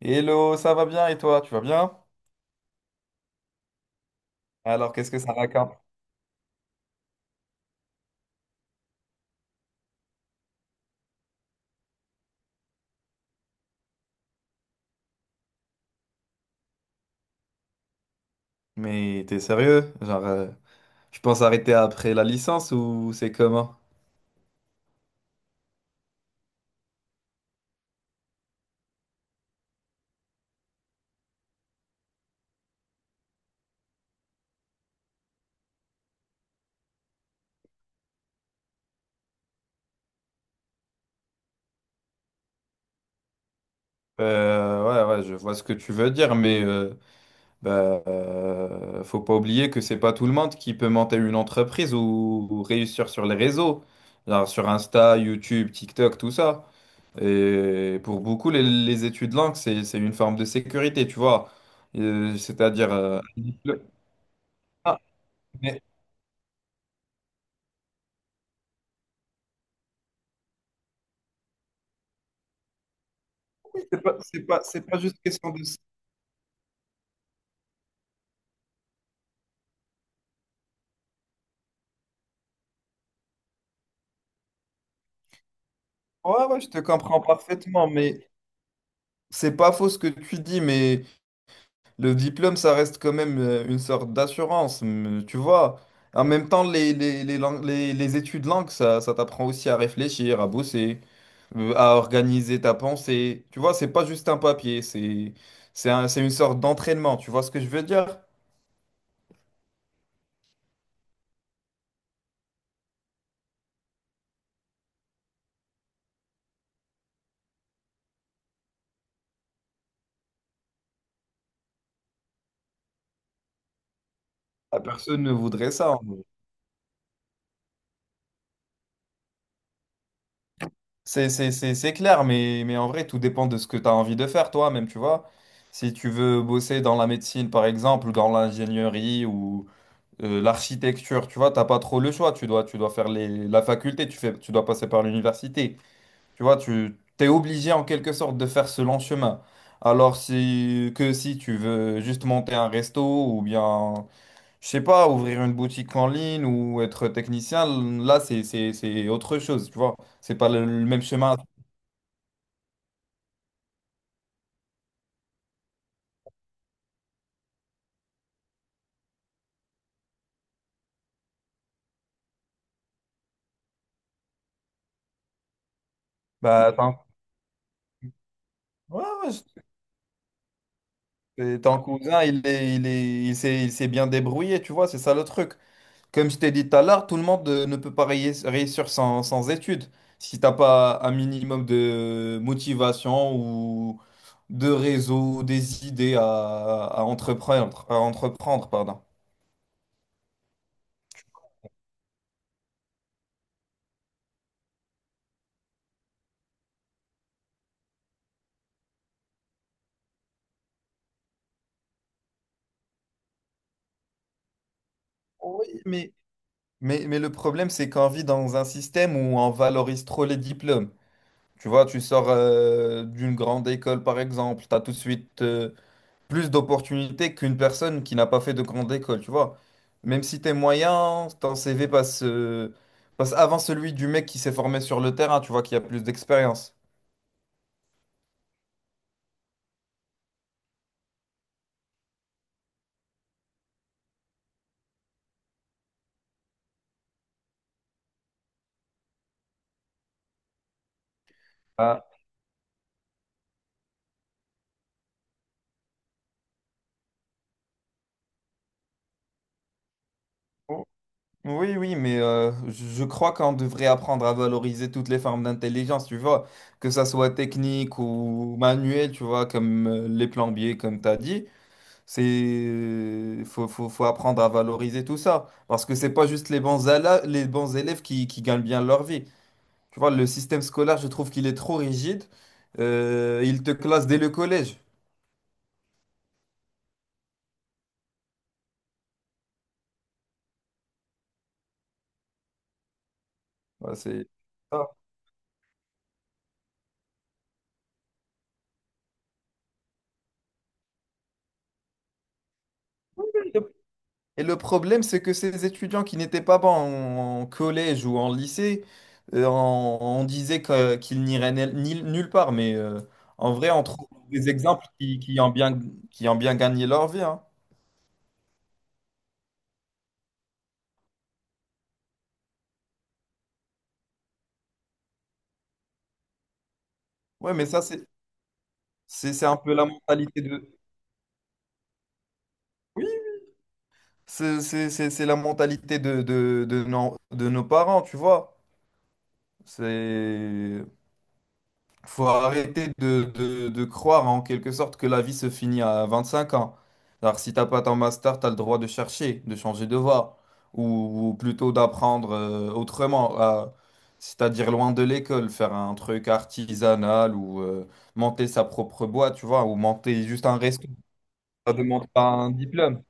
Hello, ça va bien et toi, tu vas bien? Alors, qu'est-ce que ça raconte? Mais t'es sérieux? Tu penses arrêter après la licence ou c'est comment? Ouais, je vois ce que tu veux dire, mais faut pas oublier que c'est pas tout le monde qui peut monter une entreprise ou réussir sur les réseaux, genre sur Insta, YouTube, TikTok, tout ça. Et pour beaucoup, les études langues, c'est une forme de sécurité, tu vois. C'est-à-dire, un diplôme. Ah, mais c'est pas juste question de... Ouais, je te comprends parfaitement, mais c'est pas faux ce que tu dis, mais le diplôme, ça reste quand même une sorte d'assurance, mais tu vois. En même temps, les études langues, ça t'apprend aussi à réfléchir, à bosser, à organiser ta pensée. Tu vois, c'est pas juste un papier, c'est c'est une sorte d'entraînement, tu vois ce que je veux dire? La personne ne voudrait ça. C'est clair, mais en vrai, tout dépend de ce que tu as envie de faire toi-même, tu vois. Si tu veux bosser dans la médecine, par exemple, dans l'ingénierie ou l'architecture, tu vois, t'as pas trop le choix. Tu dois faire la faculté, tu dois passer par l'université. Tu vois, tu t'es obligé en quelque sorte de faire ce long chemin. Alors si tu veux juste monter un resto ou bien, je sais pas, ouvrir une boutique en ligne ou être technicien, là, c'est autre chose, tu vois. C'est pas le même chemin. Bah, ton... ouais, c'est- ton cousin, il s'est bien débrouillé, tu vois, c'est ça le truc. Comme je t'ai dit tout à l'heure, tout le monde ne peut pas réussir sans études. Si t'as pas un minimum de motivation ou de réseau, des idées à entreprendre, pardon. Oui, mais... Mais le problème, c'est qu'on vit dans un système où on valorise trop les diplômes. Tu vois, tu sors d'une grande école, par exemple, tu as tout de suite... plus d'opportunités qu'une personne qui n'a pas fait de grande école, tu vois. Même si t'es moyen, ton CV passe, passe avant celui du mec qui s'est formé sur le terrain, tu vois, qui a plus d'expérience. Ah, oh, oui, oui, mais je crois qu'on devrait apprendre à valoriser toutes les formes d'intelligence, tu vois, que ça soit technique ou manuelle, tu vois, comme les plombiers, comme t'as dit. C'est faut apprendre à valoriser tout ça parce que c'est pas juste les bons, les bons élèves qui gagnent bien leur vie. Tu vois, le système scolaire, je trouve qu'il est trop rigide. Il te classe dès le collège. Voilà, c'est ça. Et le problème, c'est que ces étudiants qui n'étaient pas bons en collège ou en lycée, on disait qu'ils n'iraient nulle part. Mais en vrai, on trouve des exemples qui ont bien, qui ont bien gagné leur vie, hein. Ouais, mais ça, c'est un peu la mentalité de... Oui, c'est la mentalité de nos parents, tu vois. C'est... faut arrêter de croire en quelque sorte que la vie se finit à 25 ans. Alors, si t'as pas ton master, t'as le droit de chercher, de changer de voie, ou plutôt d'apprendre autrement, à- c'est-à-dire loin de l'école, faire un truc artisanal ou monter sa propre boîte, tu vois, ou monter juste un resto. Ça demande pas un diplôme.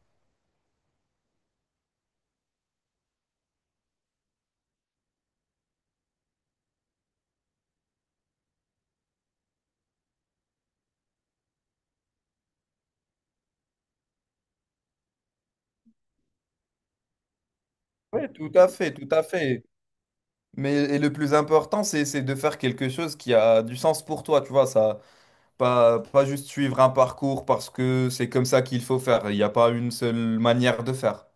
Oui, tout à fait, tout à fait. Mais et le plus important, c'est de faire quelque chose qui a du sens pour toi, tu vois, ça. Pas juste suivre un parcours parce que c'est comme ça qu'il faut faire. Il n'y a pas une seule manière de faire.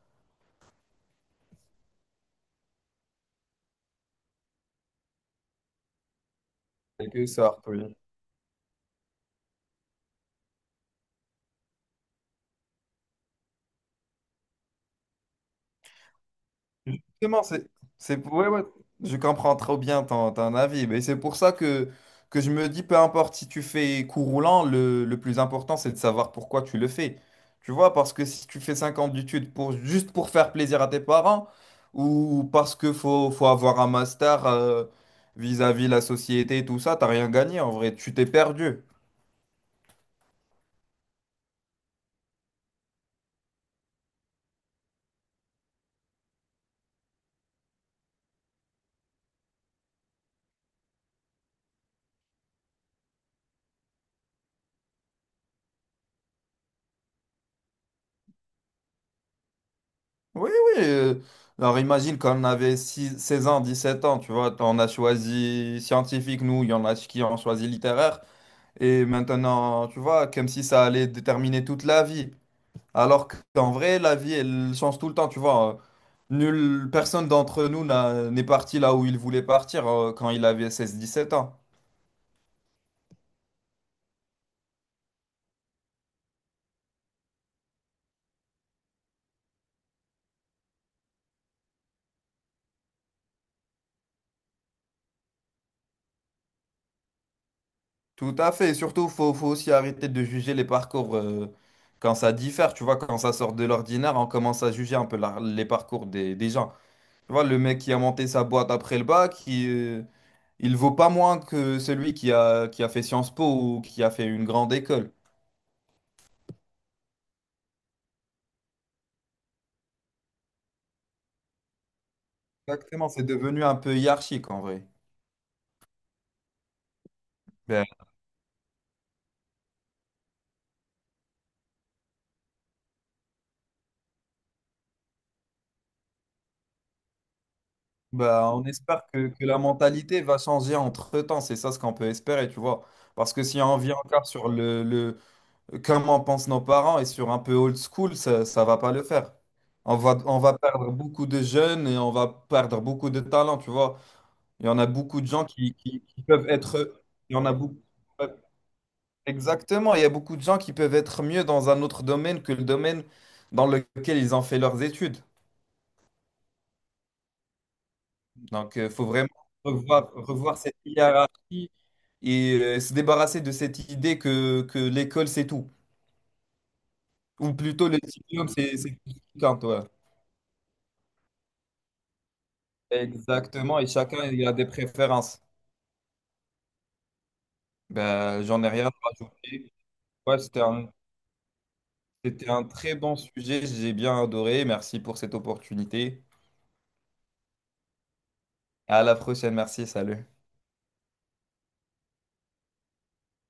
C'est que ça. Oui. Justement, c'est, ouais, ouais, je comprends trop bien ton avis, mais c'est pour ça que je me dis, peu importe si tu fais cours roulant, le plus important, c'est de savoir pourquoi tu le fais. Tu vois, parce que si tu fais 5 ans d'études pour, juste pour faire plaisir à tes parents, ou parce que faut avoir un master vis-à-vis la société et tout ça, t'as rien gagné en vrai, tu t'es perdu. Oui, oui. Alors imagine quand on avait 16 ans, sept ans, tu vois, on a choisi scientifique, nous, il y en a qui ont choisi littéraire. Et maintenant, tu vois, comme si ça allait déterminer toute la vie. Alors qu'en vrai, la vie, elle change tout le temps, tu vois. Nulle personne d'entre nous n'est parti là où il voulait partir quand il avait 16 17 ans. Tout à fait. Et surtout, faut aussi arrêter de juger les parcours, quand ça diffère, tu vois, quand ça sort de l'ordinaire, on commence à juger un peu les parcours des gens. Tu vois, le mec qui a monté sa boîte après le bac, il vaut pas moins que celui qui a fait Sciences Po ou qui a fait une grande école. Exactement, c'est devenu un peu hiérarchique en vrai. Ben, bah, on espère que la mentalité va changer entre-temps, c'est ça ce qu'on peut espérer, tu vois. Parce que si on vit encore sur le comment pensent nos parents et sur un peu old school, ça va pas le faire. On va perdre beaucoup de jeunes et on va perdre beaucoup de talents, tu vois. Il y en a beaucoup de gens qui peuvent être. Il y en a beaucoup. Exactement, il y a beaucoup de gens qui peuvent être mieux dans un autre domaine que le domaine dans lequel ils ont fait leurs études. Donc, il faut vraiment revoir cette hiérarchie et se débarrasser de cette idée que l'école, c'est tout. Ou plutôt, le diplôme, c'est tout ce qui compte, ouais. Exactement, et chacun il a des préférences. Ben, j'en ai rien à rajouter. Ouais, c'était un C'était un très bon sujet, j'ai bien adoré. Merci pour cette opportunité. À la prochaine, merci, salut.